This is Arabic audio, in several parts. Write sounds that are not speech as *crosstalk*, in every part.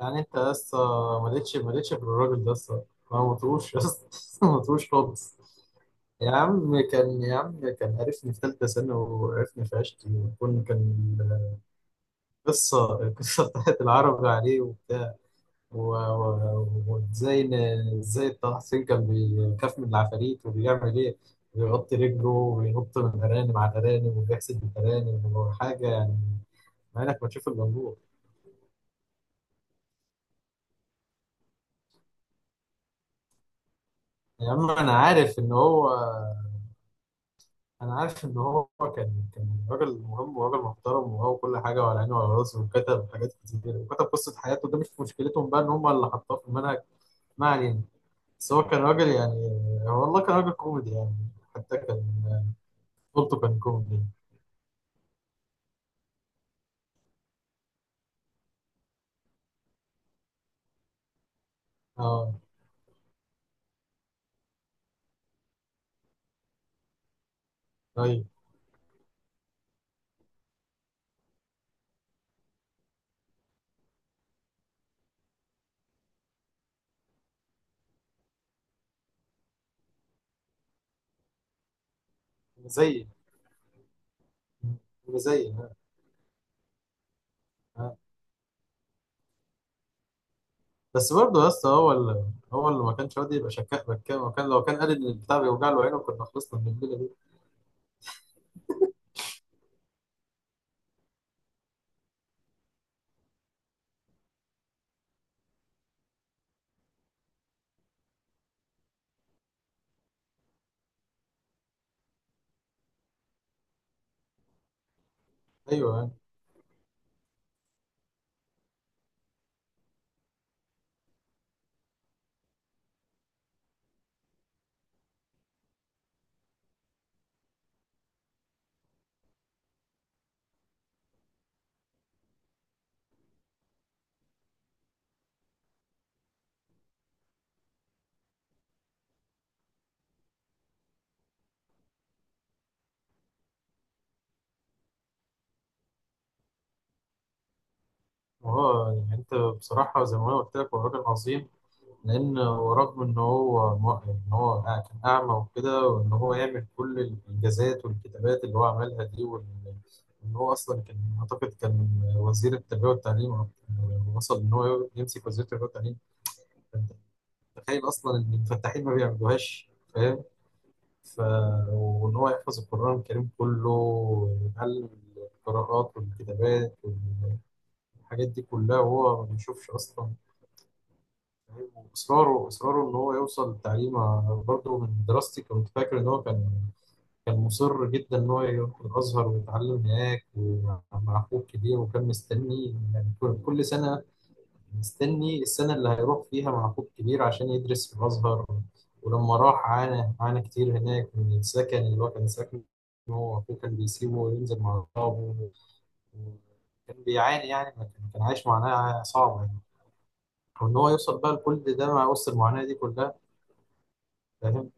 يعني انت لسه ما لقيتش غير الراجل ده لسه ما مطوش لسه *laughs* ما مطوش خالص. يا عم كان عرفني في ثالثة سنة وعرفني في عشتي وكنا كان القصة *laughs* بتاعت العربي عليه وبتاع و- و- وازاي ازاي طه حسين كان بيخاف من العفاريت وبيعمل ايه، بيغطي رجله وبينط من الأرانب على الأرانب وبيحسد الأرانب وحاجة يعني، مع إنك ما تشوف إلا النور. يا عم أنا عارف إن هو، انا عارف ان هو كان راجل مهم وراجل محترم وهو كل حاجه وعلى عينه وعلى راسه وكتب حاجات كتير وكتب قصه حياته، ده مش مشكلتهم بقى ان هم اللي حطوها في المنهج. ما علينا. بس هو كان راجل يعني، هو والله كان راجل كوميدي يعني، حتى كان طفولته كان كوميدي. اه، طيب، زي، زي، آه. آه. بس برضه يا اسطى هو اللي هو ما كانش راضي يبقى شكاك بكام، وكان لو كان قال ان البتاع بيوجع له عينه كنا خلصنا من الليله دي. ايوه يعني. وهو يعني انت بصراحه زي ما انا قلت لك هو راجل عظيم، لأن رغم إن هو إن هو كان أعمى وكده، وإن هو يعمل كل الإنجازات والكتابات اللي هو عملها دي، وإن هو أصلا كان، أعتقد كان وزير التربية والتعليم وصل إن هو يمسك وزير التربية والتعليم. فأنت تخيل أصلا إن الفتاحين ما بيعملوهاش، فاهم؟ ف... وإن هو يحفظ القرآن الكريم كله ويتعلم القراءات والكتابات والحاجات دي كلها وهو ما بيشوفش أصلا. واصراره ان هو يوصل للتعليم. أنا برضه من دراستي كنت فاكر ان هو كان مصر جدا ان هو يروح الازهر ويتعلم هناك ومع اخوه الكبير، وكان مستني يعني كل سنه، مستني السنه اللي هيروح فيها مع اخوه الكبير عشان يدرس في الازهر. ولما راح عانى كتير هناك من السكن اللي هو كان ساكنه، هو اخوه كان بيسيبه وينزل مع اصحابه. كان بيعاني يعني، كان عايش معاناه صعبه يعني. وان هو يوصل بقى لكل ده مع وسط المعاناه دي كلها. فاهم.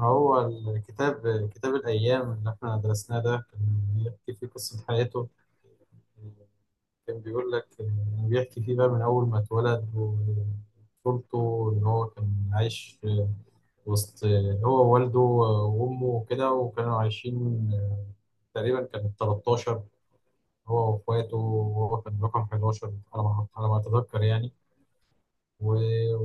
هو الكتاب، كتاب الأيام اللي إحنا درسناه ده، كان بيحكي فيه قصة حياته. كان بيقول لك إن، بيحكي فيه بقى من أول ما اتولد وطفولته، إن هو كان عايش وسط، هو ووالده وأمه وكده، وكانوا عايشين تقريبا كان 13، هو وإخواته، وهو كان رقم 11 على ما، على ما أتذكر يعني. و-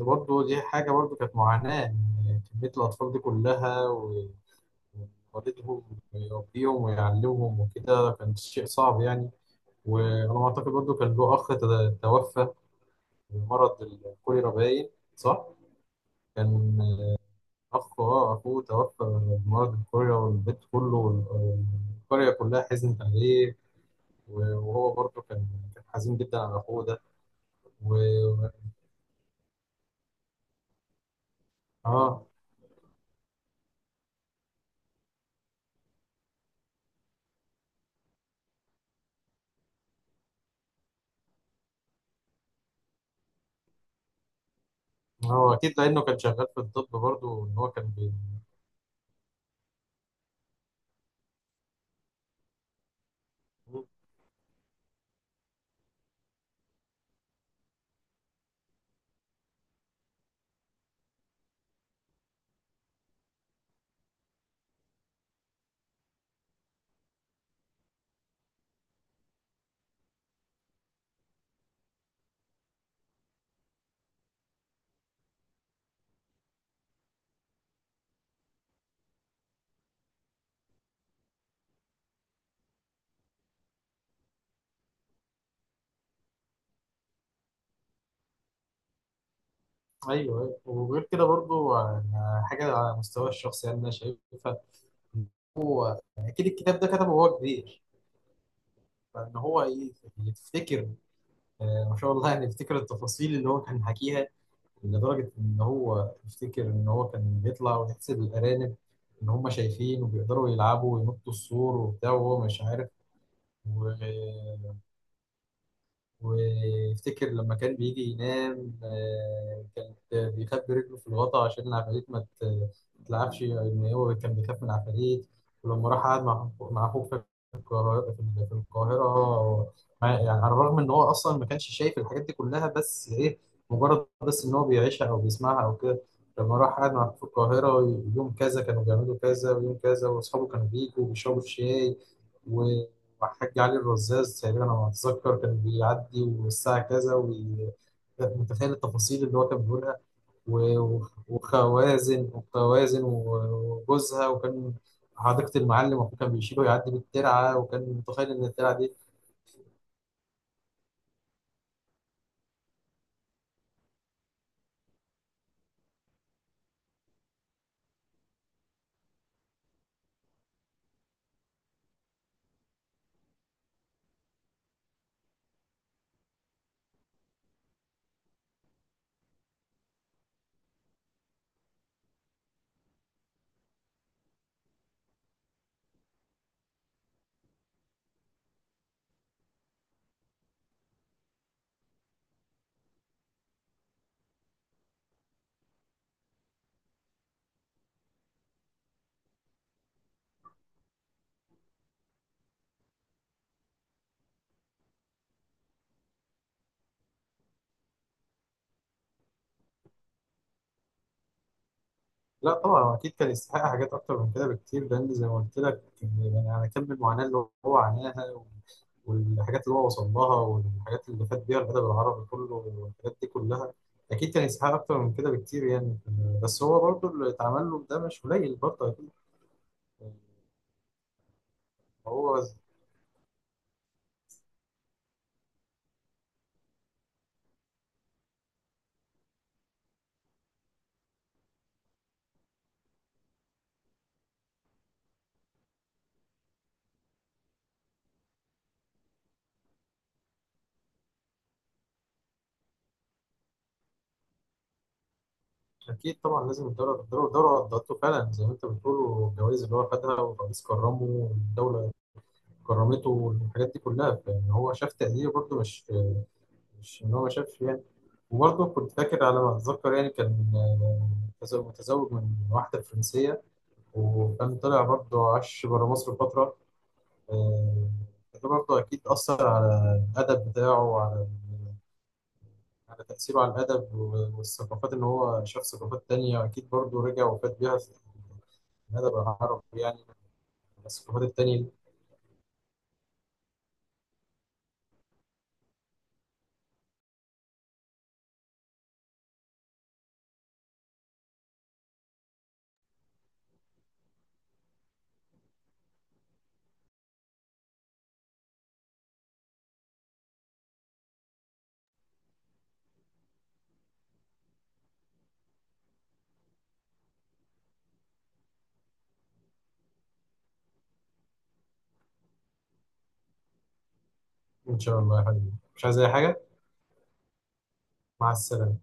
وبرضه دي حاجة برضه كانت معاناة، إن كمية الأطفال دي كلها والدهم ويربيهم ويعلمهم وكده كان شيء صعب يعني. وأنا ما أعتقد، برضه كان له أخ توفى بمرض الكوليرا باين، صح؟ كان أخ، أه، أخوه توفى بمرض الكوليرا، والبيت كله والقرية كلها حزنت عليه. وهو برضه كان، كان حزين جدا على أخوه ده. و، أه، هو أكيد لأنه كان شغال في الطب برضه إن هو كان بي... أيوه أيوه. وغير كده برضه حاجة على مستوى الشخصي يعني أنا شايفها، اكيد الكتاب ده كتبه وهو كبير، فان هو ايه، يفتكر، ما شاء الله يعني يفتكر التفاصيل اللي هو كان حكيها، لدرجه ان هو يفتكر ان هو كان بيطلع ويحسب الارانب، ان هم شايفين وبيقدروا يلعبوا وينطوا السور وبتاع وهو مش عارف. وافتكر لما كان بيجي ينام كان بيخبي رجله في الغطا عشان العفاريت ما تتلعبش، ان هو كان بيخاف من العفاريت. ولما راح قعد مع اخوه في القاهرة، في القاهرة يعني على الرغم ان هو اصلا ما كانش شايف الحاجات دي كلها، بس ايه، مجرد بس ان هو بيعيشها او بيسمعها او كده. لما راح قعد مع أخوه في القاهرة، يوم كذا كانوا بيعملوا كذا، ويوم كذا واصحابه كانوا بيجوا وبيشربوا الشاي، وحاج علي الرزاز تقريبا انا ما اتذكر كان بيعدي والساعه كذا كانت، متخيل التفاصيل اللي هو كان بيقولها. و- و- وخوازن، وخوازن و- وجوزها وكان حديقة المعلم، وأخوه كان بيشيله يعدي بالترعة وكان متخيل إن الترعة دي. لا طبعا هو أكيد كان يستحق حاجات أكتر من كده بكتير، لأن زي ما قلت لك يعني على كم المعاناة اللي هو عاناها والحاجات اللي هو وصل لها والحاجات اللي فات بيها الأدب العربي كله والحاجات دي كلها، أكيد كان يستحق أكتر من كده بكتير يعني. بس هو برضه اللي اتعمل له ده مش قليل برضه أكيد. هو أكيد طبعا لازم الدولة، الدولة قدرته فعلا زي ما أنت بتقول، والجوائز اللي هو خدها والرئيس كرمه والدولة كرمته والحاجات دي كلها، فإن هو شاف تقدير برضه، مش مش إن هو ما شافش يعني. وبرضه كنت فاكر على ما أتذكر يعني، كان متزوج من واحدة فرنسية، وكان طلع برضه عاش بره مصر فترة. آه، ده برضه أكيد أثر على الأدب بتاعه وعلى على تأثيره على الأدب والثقافات، إن هو شاف ثقافات تانية أكيد برضه رجع وفات بيها في الأدب العربي يعني، الثقافات التانية دي. إن شاء الله يا حبيبي، مش عايز أي حاجة. مع السلامة.